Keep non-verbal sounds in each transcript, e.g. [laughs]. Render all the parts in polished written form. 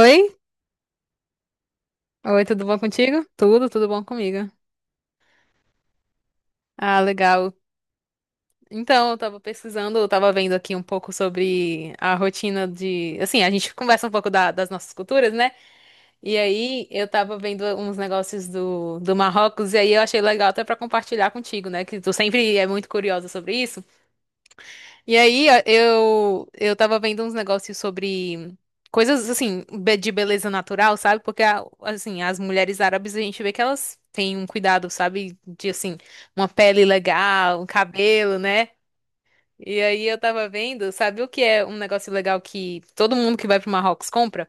Oi? Oi, tudo bom contigo? Tudo bom comigo. Ah, legal. Então, eu tava vendo aqui um pouco sobre a rotina de. Assim, a gente conversa um pouco das nossas culturas, né? E aí eu tava vendo uns negócios do Marrocos, e aí eu achei legal até pra compartilhar contigo, né? Que tu sempre é muito curiosa sobre isso. E aí, ó, eu tava vendo uns negócios sobre coisas, assim, de beleza natural, sabe? Porque, assim, as mulheres árabes, a gente vê que elas têm um cuidado, sabe? De, assim, uma pele legal, um cabelo, né? E aí eu tava vendo, sabe o que é um negócio legal que todo mundo que vai pro Marrocos compra?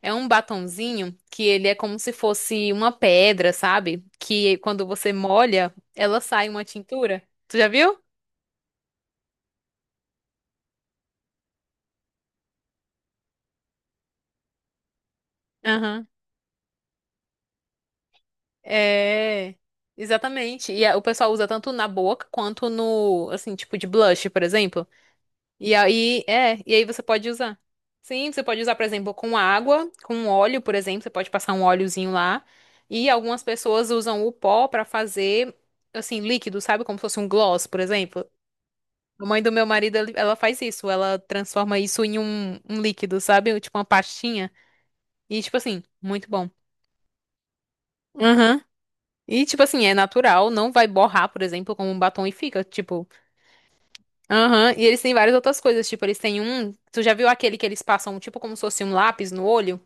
É um batonzinho que ele é como se fosse uma pedra, sabe? Que quando você molha, ela sai uma tintura. Tu já viu? Aham. É, exatamente. E o pessoal usa tanto na boca quanto no, assim, tipo de blush, por exemplo. E aí, você pode usar. Sim, você pode usar, por exemplo, com água, com óleo, por exemplo, você pode passar um óleozinho lá. E algumas pessoas usam o pó pra fazer, assim, líquido, sabe? Como se fosse um gloss, por exemplo. A mãe do meu marido, ela faz isso, ela transforma isso em um, um líquido, sabe? Tipo uma pastinha. E, tipo assim, muito bom. E, tipo assim, é natural, não vai borrar, por exemplo, como um batom e fica, tipo, aham. E eles têm várias outras coisas, tipo, eles têm um. Tu já viu aquele que eles passam, tipo, como se fosse um lápis no olho?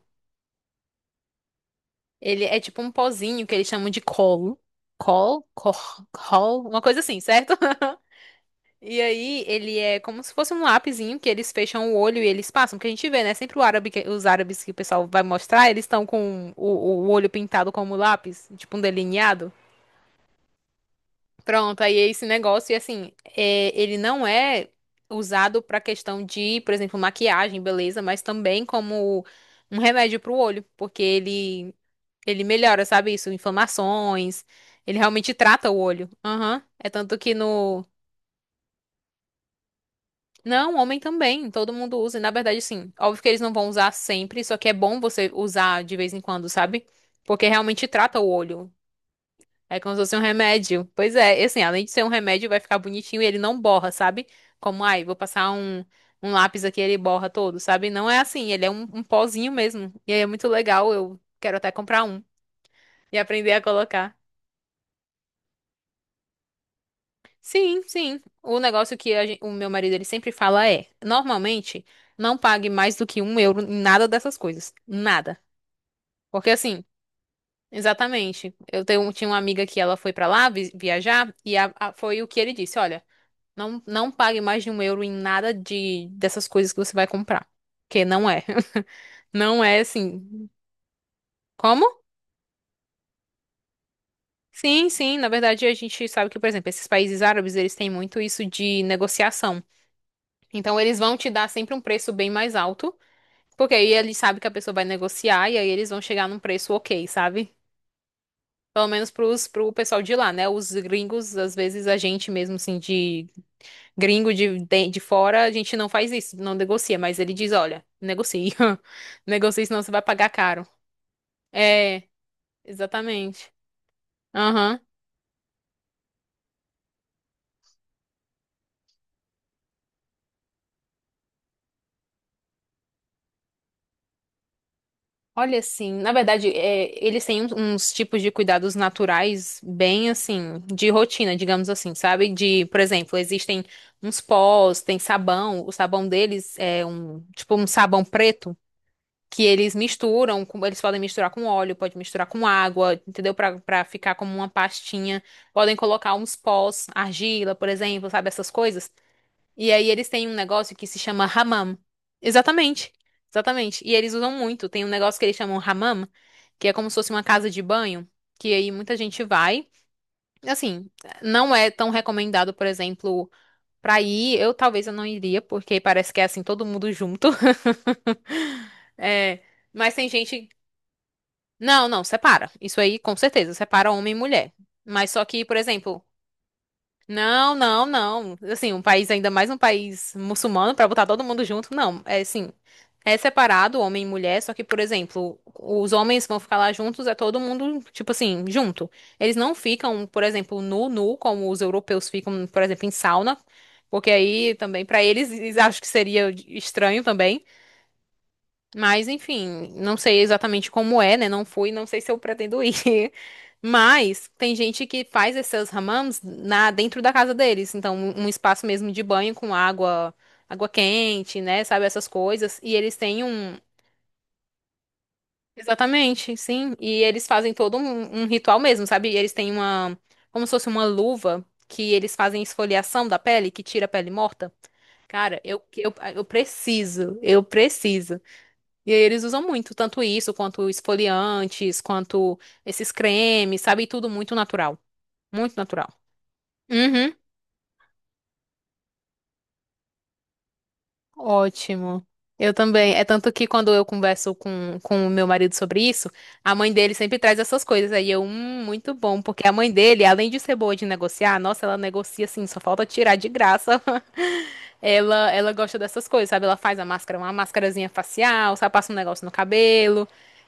Ele é tipo um pozinho que eles chamam de colo. Col? Cor? Col? Uma coisa assim, certo? [laughs] E aí, ele é como se fosse um lapisinho que eles fecham o olho e eles passam. Porque a gente vê, né? Sempre o árabe, os árabes que o pessoal vai mostrar, eles estão com o olho pintado como lápis, tipo um delineado. Pronto, aí é esse negócio, e assim, ele não é usado pra questão de, por exemplo, maquiagem, beleza, mas também como um remédio pro olho, porque ele melhora, sabe isso? Inflamações, ele realmente trata o olho. Aham, é tanto que no. Não, homem também, todo mundo usa, e na verdade, sim, óbvio que eles não vão usar sempre, só que é bom você usar de vez em quando, sabe? Porque realmente trata o olho. É como se fosse um remédio. Pois é, e assim, além de ser um remédio, vai ficar bonitinho e ele não borra, sabe? Como, ai, vou passar um, um, lápis aqui e ele borra todo, sabe? Não é assim, ele é um pozinho mesmo. E aí é muito legal, eu quero até comprar um e aprender a colocar. Sim, sim. O negócio que o meu marido ele sempre fala é, normalmente, não pague mais do que um euro em nada dessas coisas. Nada. Porque assim, exatamente. Tinha uma amiga que ela foi pra lá viajar e foi o que ele disse, olha. Não, não pague mais de um euro em nada de dessas coisas que você vai comprar. Porque não é. [laughs] Não é assim. Como? Sim, sim. Na verdade, a gente sabe que, por exemplo, esses países árabes, eles têm muito isso de negociação. Então, eles vão te dar sempre um preço bem mais alto, porque aí eles sabem que a pessoa vai negociar e aí eles vão chegar num preço ok, sabe? Pelo menos pro pessoal de lá, né? Os gringos, às vezes, a gente mesmo, assim, de gringo de fora, a gente não faz isso, não negocia, mas ele diz, olha, negocie. [laughs] Negocie, senão você vai pagar caro. É, exatamente. Aham. Olha, assim, na verdade, eles têm uns tipos de cuidados naturais bem, assim, de rotina, digamos assim, sabe? De, por exemplo, existem uns pós, tem sabão, o sabão deles é um, tipo, um sabão preto que eles misturam, eles podem misturar com óleo, pode misturar com água, entendeu? Pra ficar como uma pastinha. Podem colocar uns pós, argila, por exemplo, sabe? Essas coisas. E aí eles têm um negócio que se chama hammam. Exatamente. Exatamente. E eles usam muito. Tem um negócio que eles chamam hammam, que é como se fosse uma casa de banho, que aí muita gente vai. Assim, não é tão recomendado, por exemplo. Pra ir, eu talvez eu não iria, porque parece que é assim, todo mundo junto. [laughs] É, mas tem gente. Não, não, separa. Isso aí, com certeza, separa homem e mulher. Mas só que, por exemplo, não, não, não. Assim, um país, ainda mais um país muçulmano, pra botar todo mundo junto, não. É assim, é separado, homem e mulher, só que, por exemplo, os homens vão ficar lá juntos, é todo mundo, tipo assim, junto. Eles não ficam, por exemplo, nu, nu, como os europeus ficam, por exemplo, em sauna, porque aí também, pra eles, eles acham que seria estranho também. Mas, enfim, não sei exatamente como é, né? Não fui, não sei se eu pretendo ir. [laughs] Mas tem gente que faz esses hammams na dentro da casa deles, então um espaço mesmo de banho com água, água quente, né? Sabe essas coisas? E eles têm um exatamente, sim. E eles fazem todo um ritual mesmo, sabe? E eles têm uma, como se fosse uma luva que eles fazem esfoliação da pele, que tira a pele morta. Cara, eu preciso, eu preciso. E aí eles usam muito, tanto isso, quanto esfoliantes, quanto esses cremes, sabe? Tudo muito natural. Muito natural. Uhum. Ótimo. Eu também. É tanto que quando eu converso com o meu marido sobre isso, a mãe dele sempre traz essas coisas. Aí eu, muito bom, porque a mãe dele, além de ser boa de negociar, nossa, ela negocia assim, só falta tirar de graça. [laughs] Ela gosta dessas coisas, sabe? Ela faz a máscara, uma máscarazinha facial, sabe? Passa um negócio no cabelo.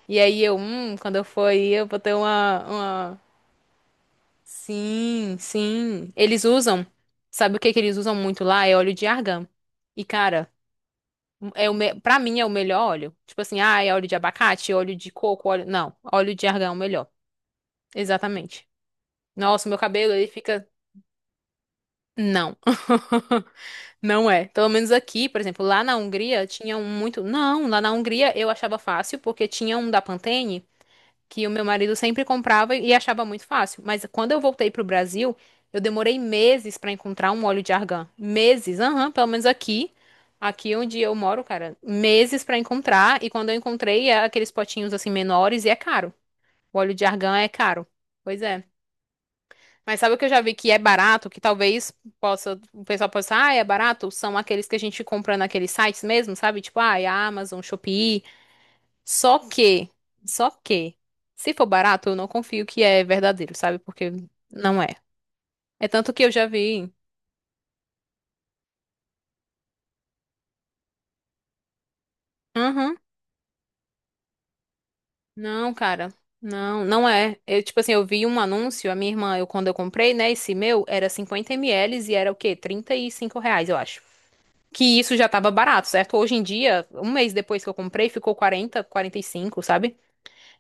E aí eu, quando eu for aí, eu vou ter uma... Sim, sim. Eles usam, sabe o que que eles usam muito lá? É óleo de argan. E, cara. É o me... Pra mim é o melhor óleo. Tipo assim, ah, é óleo de abacate, óleo de coco, óleo. Não, óleo de argão é o melhor. Exatamente. Nossa, meu cabelo ele fica. Não. [laughs] Não é. Pelo menos aqui, por exemplo, lá na Hungria tinha um muito. Não, lá na Hungria eu achava fácil, porque tinha um da Pantene. Que o meu marido sempre comprava e achava muito fácil. Mas quando eu voltei pro Brasil, eu demorei meses para encontrar um óleo de argan. Meses, aham, pelo menos aqui, onde eu moro, cara, meses para encontrar. E quando eu encontrei, é aqueles potinhos assim menores e é caro. O óleo de argan é caro. Pois é. Mas sabe o que eu já vi que é barato, que talvez possa, o pessoal possa, ah, é barato? São aqueles que a gente compra naqueles sites mesmo, sabe? Tipo, ah, é Amazon, Shopee. Só que, só que, se for barato, eu não confio que é verdadeiro, sabe? Porque não é. É tanto que eu já vi. Uhum. Não, cara. Não, não é. Eu, tipo assim, eu vi um anúncio, a minha irmã, eu quando eu comprei, né, esse meu, era 50 ml e era o quê? 35 reais, eu acho. Que isso já tava barato, certo? Hoje em dia, um mês depois que eu comprei, ficou 40 45 sabe?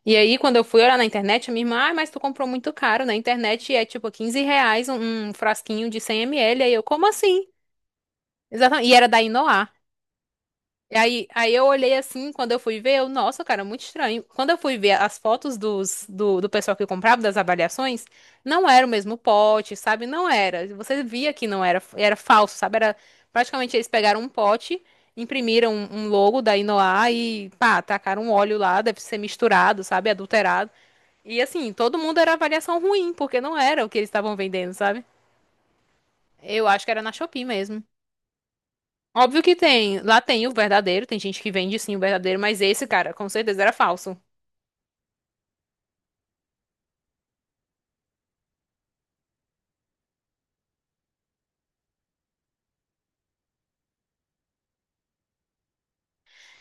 E aí, quando eu fui olhar na internet, a minha irmã, ah, mas tu comprou muito caro na internet e é tipo 15 reais um, frasquinho de 100 ml. Aí eu, como assim? Exatamente. E era da Inoar. E aí, eu olhei assim, quando eu fui ver, eu, nossa, cara, muito estranho. Quando eu fui ver as fotos do pessoal que comprava, das avaliações, não era o mesmo pote, sabe? Não era. Você via que não era, era falso, sabe? Era, praticamente eles pegaram um pote, imprimiram um logo da Inoar e, pá, tacaram um óleo lá, deve ser misturado, sabe? Adulterado. E assim, todo mundo era avaliação ruim, porque não era o que eles estavam vendendo, sabe? Eu acho que era na Shopee mesmo. Óbvio que tem, lá tem o verdadeiro, tem gente que vende sim o verdadeiro, mas esse cara, com certeza era falso.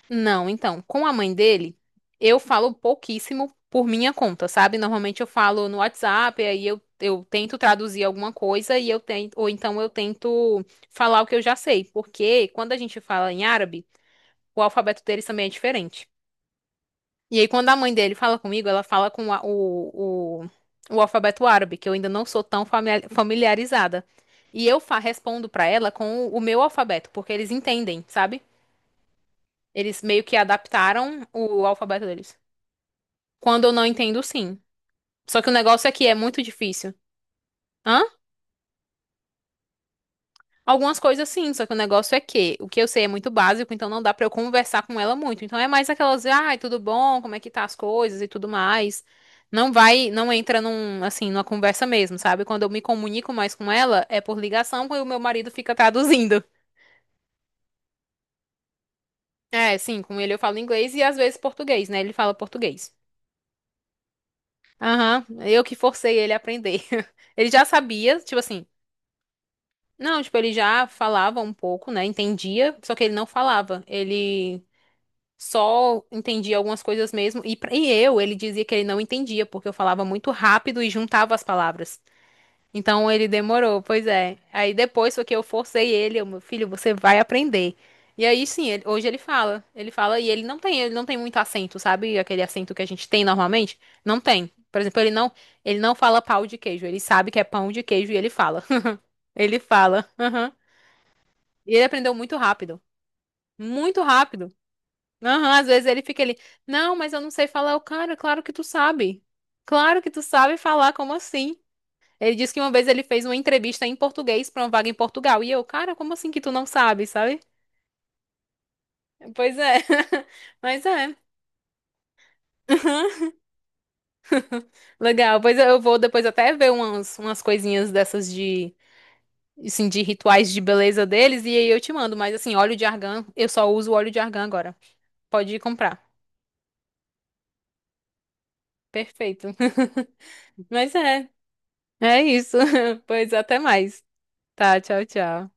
Não, então, com a mãe dele, eu falo pouquíssimo por minha conta, sabe? Normalmente eu falo no WhatsApp, aí eu tento traduzir alguma coisa e eu tento, ou então eu tento falar o que eu já sei, porque quando a gente fala em árabe, o alfabeto deles também é diferente. E aí, quando a mãe dele fala comigo, ela fala com o, alfabeto árabe, que eu ainda não sou tão familiarizada. E eu respondo pra ela com o meu alfabeto, porque eles entendem, sabe? Eles meio que adaptaram o alfabeto deles. Quando eu não entendo, sim. Só que o negócio aqui é muito difícil. Hã? Algumas coisas sim, só que o negócio é que o que eu sei é muito básico, então não dá pra eu conversar com ela muito. Então é mais aquelas, ai, tudo bom, como é que tá as coisas e tudo mais. Não vai, não entra num, assim, numa conversa mesmo, sabe? Quando eu me comunico mais com ela, é por ligação, quando o meu marido fica traduzindo. É, sim, com ele eu falo inglês e às vezes português, né? Ele fala português. Aham, eu que forcei ele a aprender. [laughs] Ele já sabia, tipo assim, não, tipo, ele já falava um pouco, né? Entendia, só que ele não falava. Ele só entendia algumas coisas mesmo. E, ele dizia que ele não entendia, porque eu falava muito rápido e juntava as palavras. Então ele demorou, pois é. Aí depois foi que eu forcei ele, eu, meu filho, você vai aprender. E aí sim, hoje ele fala. Ele fala e ele não tem muito acento, sabe? Aquele acento que a gente tem normalmente. Não tem. Por exemplo, ele não fala pau de queijo. Ele sabe que é pão de queijo e ele fala. [laughs] Ele fala. Aham. E ele aprendeu muito rápido. Muito rápido. Aham, às vezes ele fica ali, não, mas eu não sei falar. O cara, claro que tu sabe. Claro que tu sabe falar, como assim? Ele disse que uma vez ele fez uma entrevista em português pra uma vaga em Portugal. E eu, cara, como assim que tu não sabe, sabe? Pois é. [laughs] Mas é. [laughs] Legal. Pois eu vou depois até ver umas, coisinhas dessas de, assim, de rituais de beleza deles. E aí eu te mando. Mas assim, óleo de argan, eu só uso óleo de argan agora. Pode ir comprar. Perfeito. [laughs] Mas é. É isso. [laughs] Pois até mais. Tá, tchau, tchau.